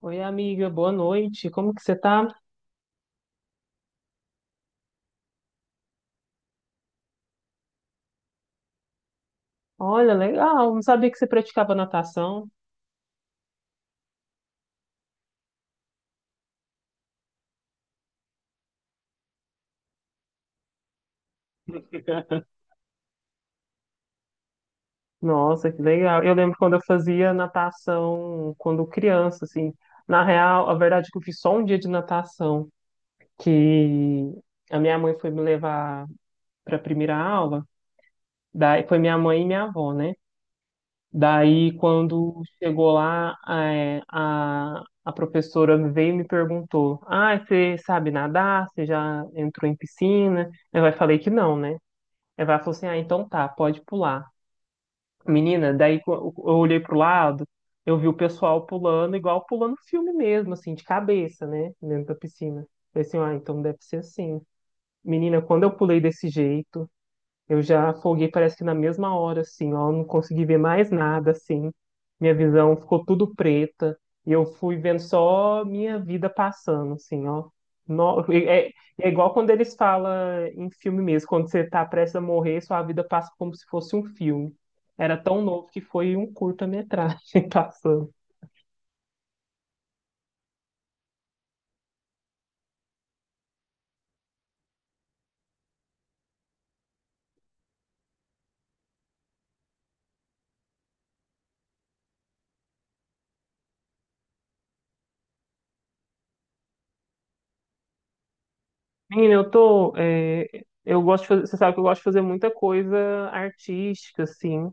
Oi, amiga, boa noite. Como que você tá? Olha, legal. Não sabia que você praticava natação. Nossa, que legal. Eu lembro quando eu fazia natação quando criança, assim. Na real, a verdade é que eu fiz só um dia de natação, que a minha mãe foi me levar para a primeira aula. Daí foi minha mãe e minha avó, né? Daí, quando chegou lá, a professora veio e me perguntou: Ah, você sabe nadar? Você já entrou em piscina? Eu aí falei que não, né? Ela falou assim: Ah, então tá, pode pular. Menina, eu olhei pro lado, eu vi o pessoal pulando, igual pulando filme mesmo, assim, de cabeça, né? Dentro da piscina. Eu falei assim: Ah, então deve ser assim. Menina, quando eu pulei desse jeito, eu já afoguei, parece que na mesma hora, assim, ó, não consegui ver mais nada, assim. Minha visão ficou tudo preta e eu fui vendo só minha vida passando, assim, ó. No- é, é igual quando eles falam em filme mesmo, quando você tá prestes a morrer, sua vida passa como se fosse um filme. Era tão novo que foi um curta-metragem passando. Menina, eu gosto de fazer, você sabe que eu gosto de fazer muita coisa artística, assim.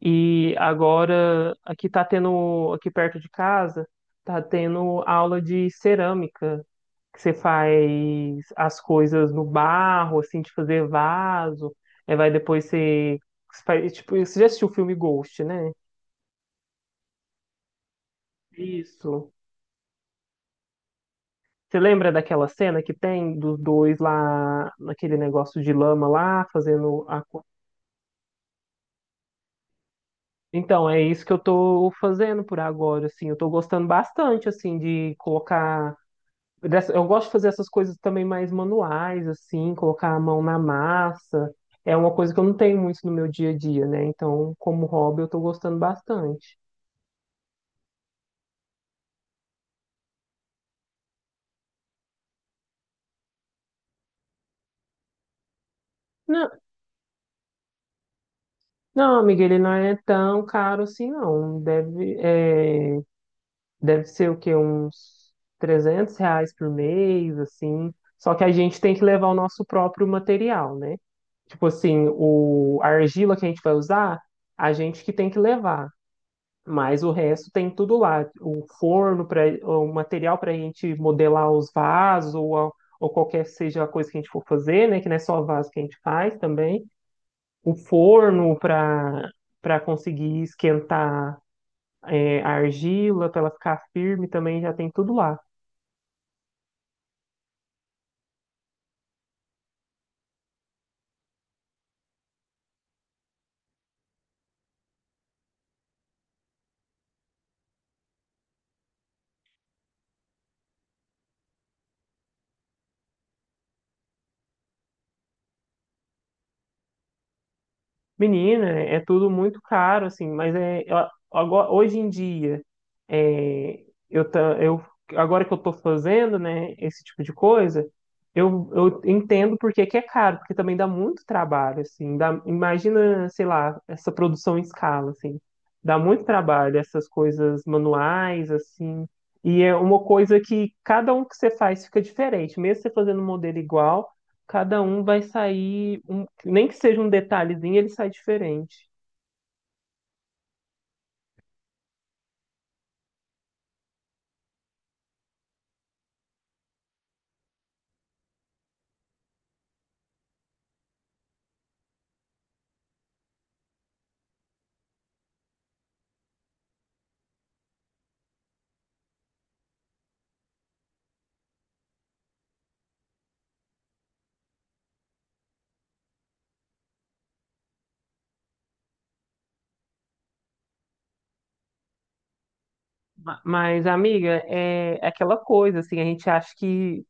E agora, aqui tá tendo, aqui perto de casa, tá tendo aula de cerâmica, que você faz as coisas no barro, assim, de fazer vaso, aí vai depois você, faz, tipo, você já assistiu o filme Ghost, né? Isso. Você lembra daquela cena que tem dos dois lá, naquele negócio de lama lá, fazendo a... co- Então, é isso que eu tô fazendo por agora, assim, eu tô gostando bastante, assim, de colocar dessa- Eu gosto de fazer essas coisas também mais manuais, assim, colocar a mão na massa. É uma coisa que eu não tenho muito no meu dia a dia, né? Então, como hobby, eu tô gostando bastante. Não, não, amiga, ele não é tão caro assim, não. Deve ser o quê? Uns R$ 300 por mês, assim. Só que a gente tem que levar o nosso próprio material, né? Tipo assim, a argila que a gente vai usar, a gente que tem que levar. Mas o resto tem tudo lá, o forno para o material para a gente modelar os vasos ou, a- ou qualquer seja a coisa que a gente for fazer, né? Que não é só vaso que a gente faz também. O forno para conseguir esquentar a argila, para ela ficar firme também já tem tudo lá. Menina, é tudo muito caro, assim, agora, hoje em dia, é, eu, ta- eu, agora que eu tô fazendo, né, esse tipo de coisa, eu entendo por que que é caro, porque também dá muito trabalho, assim, dá, imagina, sei lá, essa produção em escala, assim, dá muito trabalho, essas coisas manuais, assim, e é uma coisa que cada um que você faz fica diferente, mesmo você fazendo um modelo igual, cada um vai sair, um- nem que seja um detalhezinho, ele sai diferente. Mas, amiga, é aquela coisa, assim, a gente acha que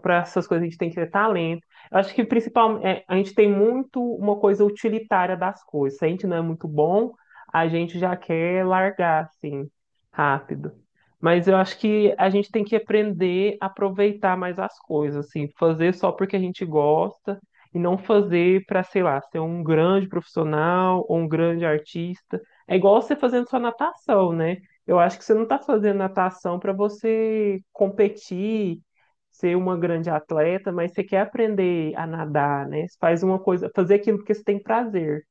para essas coisas a gente tem que ter talento. Eu acho que principalmente a gente tem muito uma coisa utilitária das coisas. Se a gente não é muito bom, a gente já quer largar, assim, rápido. Mas eu acho que a gente tem que aprender a aproveitar mais as coisas, assim, fazer só porque a gente gosta e não fazer para, sei lá, ser um grande profissional ou um grande artista. É igual você fazendo sua natação, né? Eu acho que você não está fazendo natação para você competir, ser uma grande atleta, mas você quer aprender a nadar, né? Você faz uma coisa, fazer aquilo porque você tem prazer.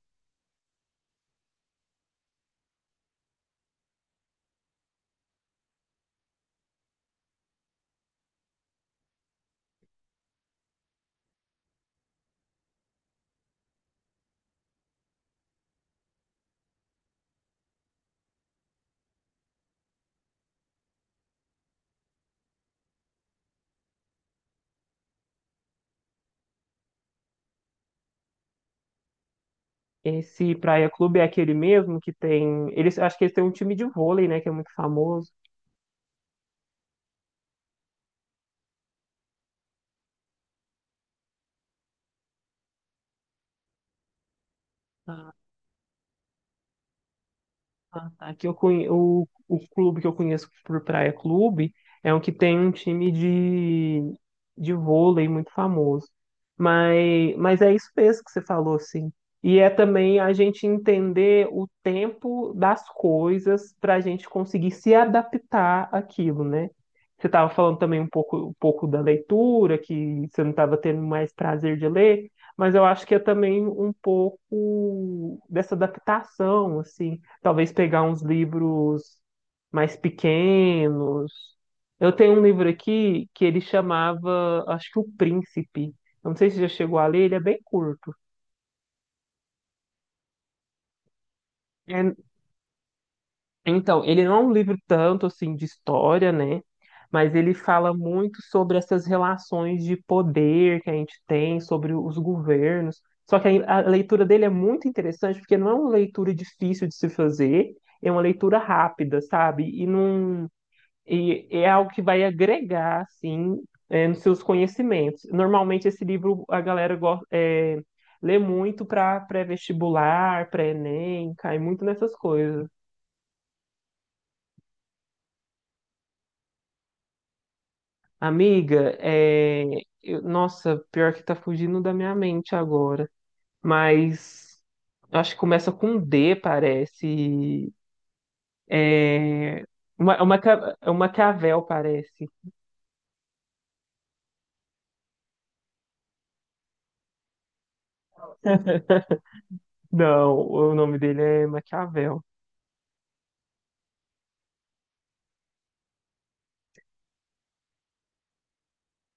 Esse Praia Clube é aquele mesmo que tem. Eles, acho que eles têm um time de vôlei, né? Que é muito famoso. Ah, tá. Aqui eu conhe... o clube que eu conheço por Praia Clube é um que tem um time de vôlei muito famoso. Mas é isso mesmo que você falou, assim. E é também a gente entender o tempo das coisas para a gente conseguir se adaptar àquilo, né? Você estava falando também um pouco da leitura, que você não estava tendo mais prazer de ler, mas eu acho que é também um pouco dessa adaptação, assim. Talvez pegar uns livros mais pequenos. Eu tenho um livro aqui que ele chamava, acho que O Príncipe. Eu não sei se já chegou a ler, ele é bem curto. É, então, ele não é um livro tanto assim de história, né? Mas ele fala muito sobre essas relações de poder que a gente tem, sobre os governos. Só que a leitura dele é muito interessante, porque não é uma leitura difícil de se fazer, é uma leitura rápida, sabe? E não, E é algo que vai agregar, assim, nos seus conhecimentos. Normalmente, esse livro a galera gosta, lê muito para pré-vestibular, pré-ENEM, cai muito nessas coisas. Amiga, nossa, pior que tá fugindo da minha mente agora, mas acho que começa com um D, parece. É, é um Maquiavel, parece. Não, o nome dele é Maquiavel.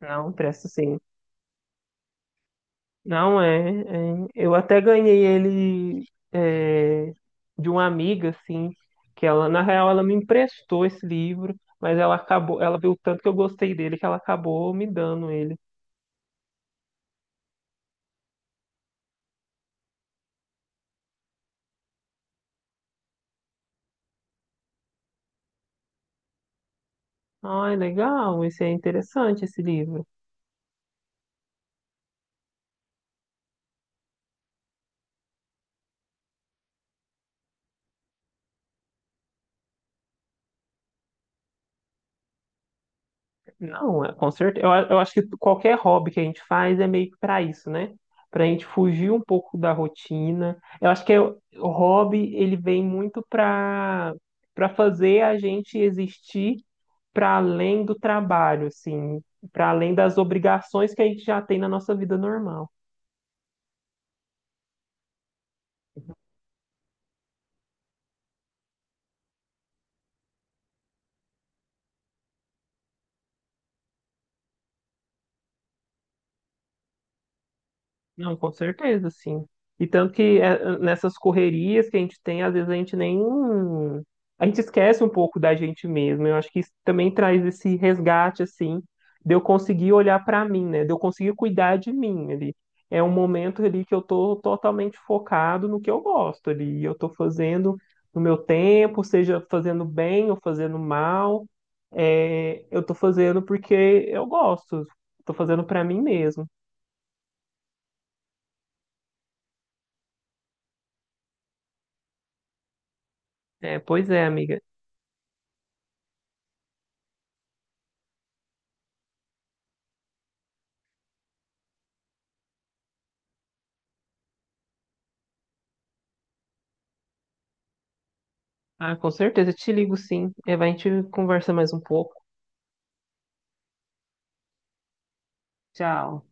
Não, presta sim. Não é, é. Eu até ganhei ele é, de uma amiga, assim, que na real, ela me emprestou esse livro, mas ela viu o tanto que eu gostei dele que ela acabou me dando ele. Ai, legal, esse é interessante esse livro. Não, é, com certeza. Eu acho que qualquer hobby que a gente faz é meio que para isso, né? Para a gente fugir um pouco da rotina. Eu acho que o hobby, ele vem muito para fazer a gente existir para além do trabalho, assim, para além das obrigações que a gente já tem na nossa vida normal. Não, com certeza, sim. E tanto que é, nessas correrias que a gente tem, às vezes a gente nem. A gente esquece um pouco da gente mesmo. Eu acho que isso também traz esse resgate, assim, de eu conseguir olhar para mim, né? De eu conseguir cuidar de mim ali. É um momento ali que eu tô totalmente focado no que eu gosto ali. E eu tô fazendo no meu tempo, seja fazendo bem ou fazendo mal. É, eu tô fazendo porque eu gosto. Tô fazendo para mim mesmo. É, pois é, amiga. Ah, com certeza, te ligo sim. E vai, a gente conversa mais um pouco. Tchau.